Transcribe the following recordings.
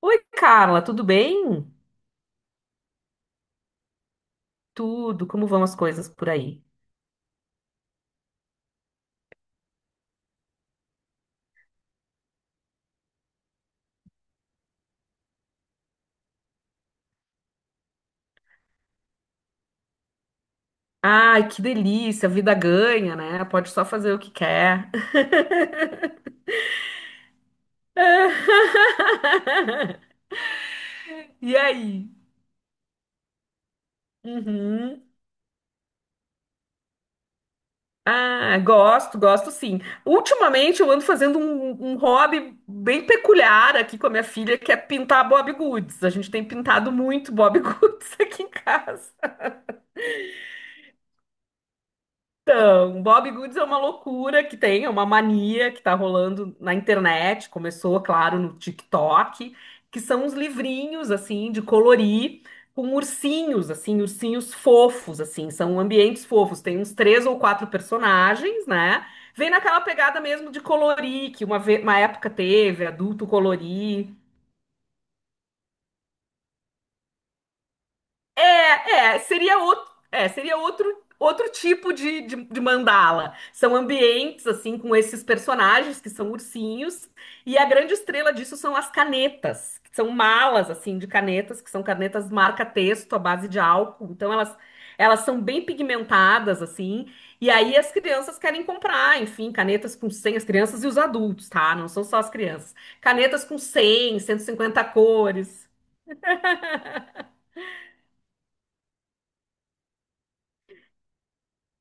Oi, Carla, tudo bem? Tudo, como vão as coisas por aí? Ai, que delícia, a vida ganha, né? Pode só fazer o que quer. E aí? Uhum. Ah, gosto, gosto sim. Ultimamente eu ando fazendo um hobby bem peculiar aqui com a minha filha, que é pintar Bob Goods. A gente tem pintado muito Bob Goods aqui em casa. Um Bob Goods é uma loucura que tem, é uma mania que está rolando na internet, começou, claro, no TikTok, que são uns livrinhos, assim, de colorir, com ursinhos, assim, ursinhos fofos, assim, são ambientes fofos, tem uns três ou quatro personagens, né? Vem naquela pegada mesmo de colorir, que uma época teve, adulto colorir. Seria outro tipo de mandala. São ambientes, assim, com esses personagens que são ursinhos, e a grande estrela disso são as canetas, que são malas, assim, de canetas, que são canetas marca-texto à base de álcool. Então, elas são bem pigmentadas, assim, e aí as crianças querem comprar, enfim, canetas com 100, as crianças e os adultos, tá? Não são só as crianças. Canetas com cem, 150 cores.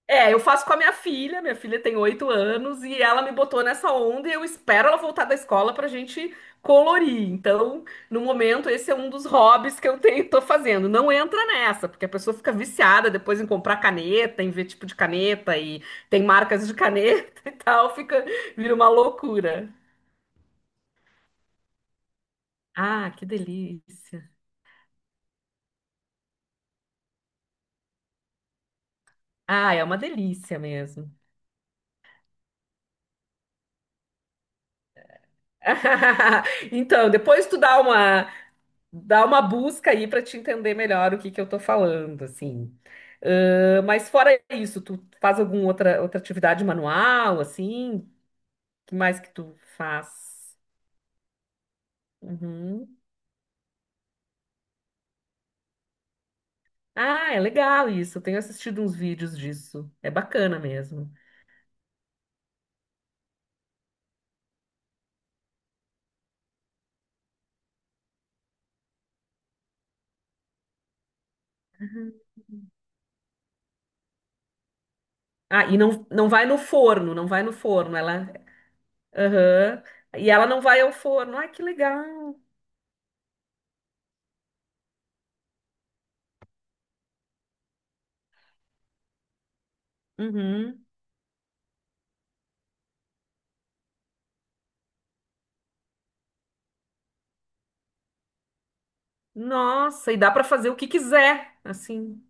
É, eu faço com a minha filha tem 8 anos e ela me botou nessa onda e eu espero ela voltar da escola pra gente colorir. Então, no momento, esse é um dos hobbies que eu tenho, tô fazendo. Não entra nessa, porque a pessoa fica viciada depois em comprar caneta, em ver tipo de caneta e tem marcas de caneta e tal, vira uma loucura. Ah, que delícia. Ah, é uma delícia mesmo. Então, depois tu dá uma, Dá uma busca aí para te entender melhor o que que eu tô falando, assim. Mas fora isso, tu faz alguma outra atividade manual, assim? Que mais que tu faz? Uhum. Ah, é legal isso. Eu tenho assistido uns vídeos disso. É bacana mesmo. Ah, e não, não vai no forno, não vai no forno. Ela. Aham. E ela não vai ao forno. Ai, que legal. Uhum. Nossa, e dá para fazer o que quiser, assim.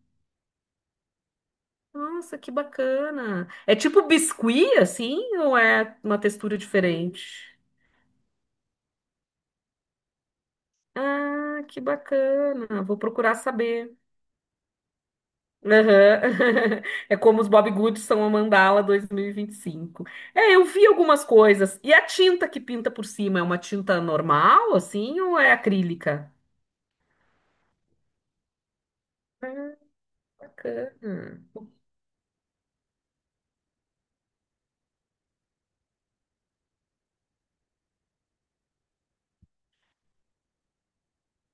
Nossa, que bacana. É tipo biscuit, assim, ou é uma textura diferente? Ah, que bacana. Vou procurar saber. Aham. É como os Bob Goods são a Mandala 2025. É, eu vi algumas coisas. E a tinta que pinta por cima é uma tinta normal, assim, ou é acrílica? Ah, bacana.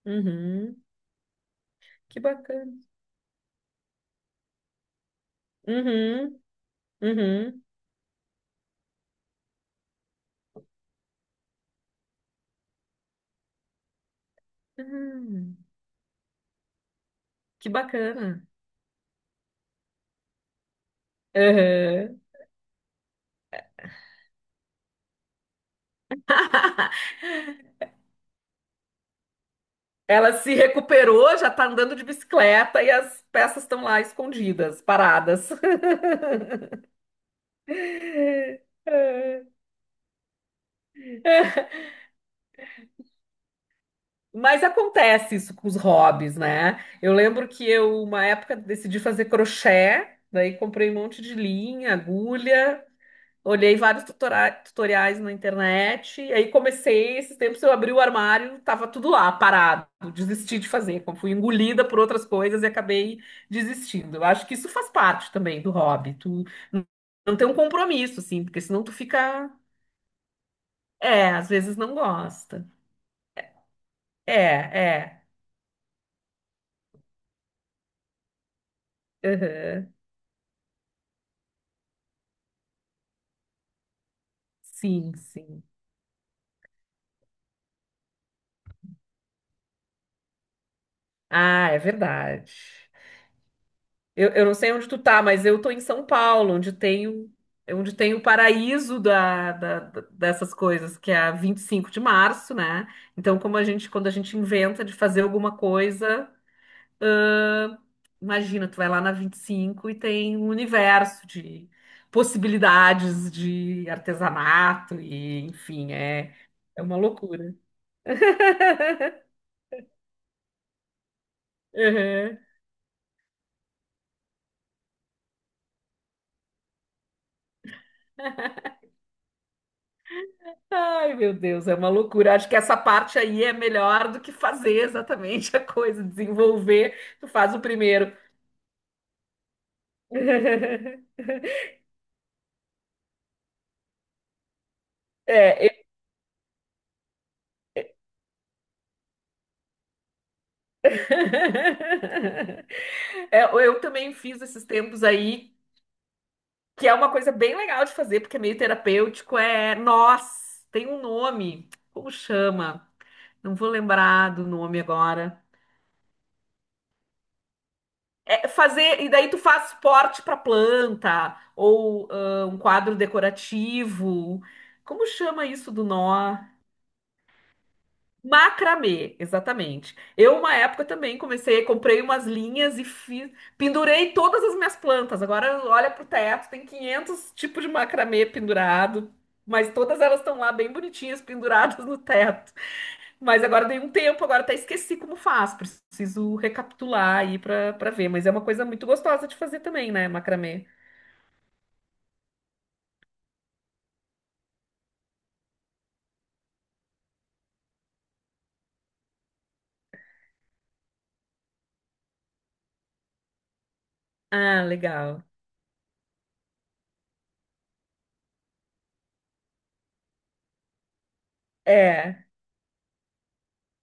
Uhum. Que bacana. Uhum. Uhum. Uhum. Que bacana. Aham. Ela se recuperou, já tá andando de bicicleta e as peças estão lá escondidas, paradas. Mas acontece isso com os hobbies, né? Eu lembro que eu, uma época, decidi fazer crochê, daí comprei um monte de linha, agulha. Olhei vários tutoriais na internet, e aí comecei, esses tempos eu abri o armário, tava tudo lá, parado, desisti de fazer, como fui engolida por outras coisas e acabei desistindo. Eu acho que isso faz parte também do hobby, tu n- não tem um compromisso, assim, porque senão tu às vezes não gosta. É, é, aham, sim, sim. Ah, é verdade. Eu não sei onde tu tá, mas eu tô em São Paulo, é onde tem o paraíso dessas coisas, que é a 25 de Março, né? Então, quando a gente inventa de fazer alguma coisa, imagina, tu vai lá na 25 e tem um universo de possibilidades de artesanato e, enfim, é uma loucura. Ai, meu Deus, é uma loucura. Acho que essa parte aí é melhor do que fazer exatamente a coisa, desenvolver. Tu faz o primeiro. É, eu... É, eu também fiz esses tempos aí, que é uma coisa bem legal de fazer, porque é meio terapêutico, é nós, tem um nome, como chama? Não vou lembrar do nome agora. É fazer, e daí tu faz suporte para planta, ou um quadro decorativo. Como chama isso do nó? Macramê, exatamente. Eu, uma época também comecei, comprei umas linhas e fiz, pendurei todas as minhas plantas. Agora olha pro teto, tem 500 tipos de macramê pendurado, mas todas elas estão lá bem bonitinhas, penduradas no teto. Mas agora dei um tempo, agora até esqueci como faz. Preciso recapitular aí pra, ver. Mas é uma coisa muito gostosa de fazer também, né, macramê? Ah, legal. É.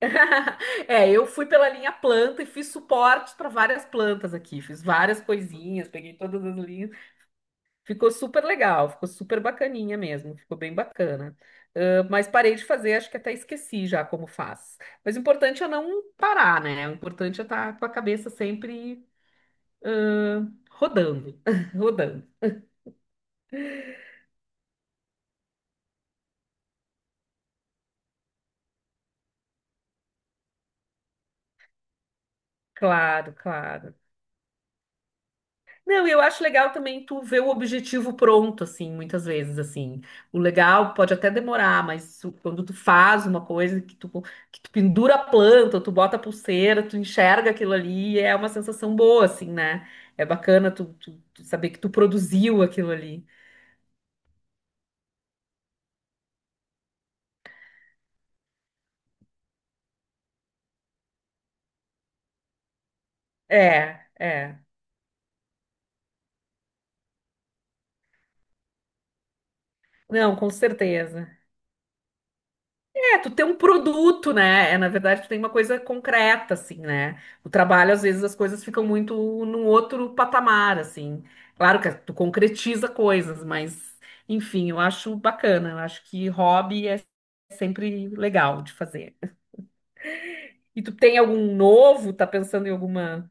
É, eu fui pela linha planta e fiz suporte para várias plantas aqui. Fiz várias coisinhas, peguei todas as linhas. Ficou super legal, ficou super bacaninha mesmo. Ficou bem bacana. Ah, mas parei de fazer, acho que até esqueci já como faz. Mas o importante é não parar, né? O importante é estar com a cabeça sempre rodando, rodando. Claro, claro. Não, e eu acho legal também tu ver o objetivo pronto, assim, muitas vezes, assim. O legal pode até demorar, mas quando tu faz uma coisa que tu pendura a planta, tu bota a pulseira, tu enxerga aquilo ali, é uma sensação boa, assim, né? É bacana tu saber que tu produziu aquilo ali. É, é. Não, com certeza. É, tu tem um produto, né? É, na verdade, tu tem uma coisa concreta, assim, né? O trabalho, às vezes, as coisas ficam muito num outro patamar, assim. Claro que tu concretiza coisas, mas, enfim, eu acho bacana. Eu acho que hobby é sempre legal de fazer. E tu tem algum novo? Tá pensando em alguma?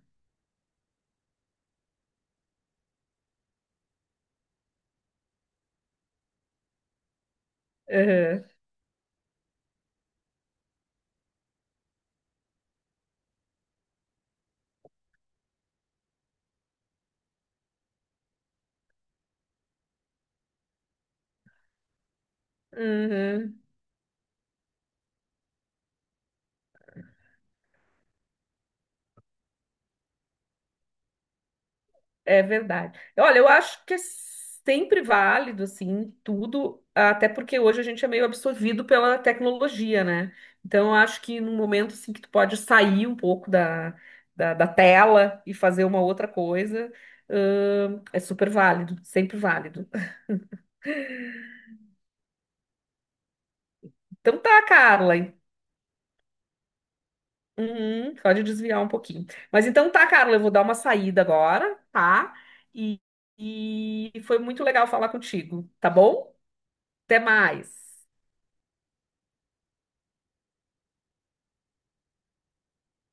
Aham, uhum. É verdade. Olha, eu acho que é sempre válido, assim, tudo, até porque hoje a gente é meio absorvido pela tecnologia, né? Então, eu acho que num momento, assim, que tu pode sair um pouco da, tela e fazer uma outra coisa, é super válido, sempre válido. Então tá, Carla. Uhum, pode desviar um pouquinho. Mas então tá, Carla, eu vou dar uma saída agora, tá? E, e foi muito legal falar contigo, tá bom? Até mais.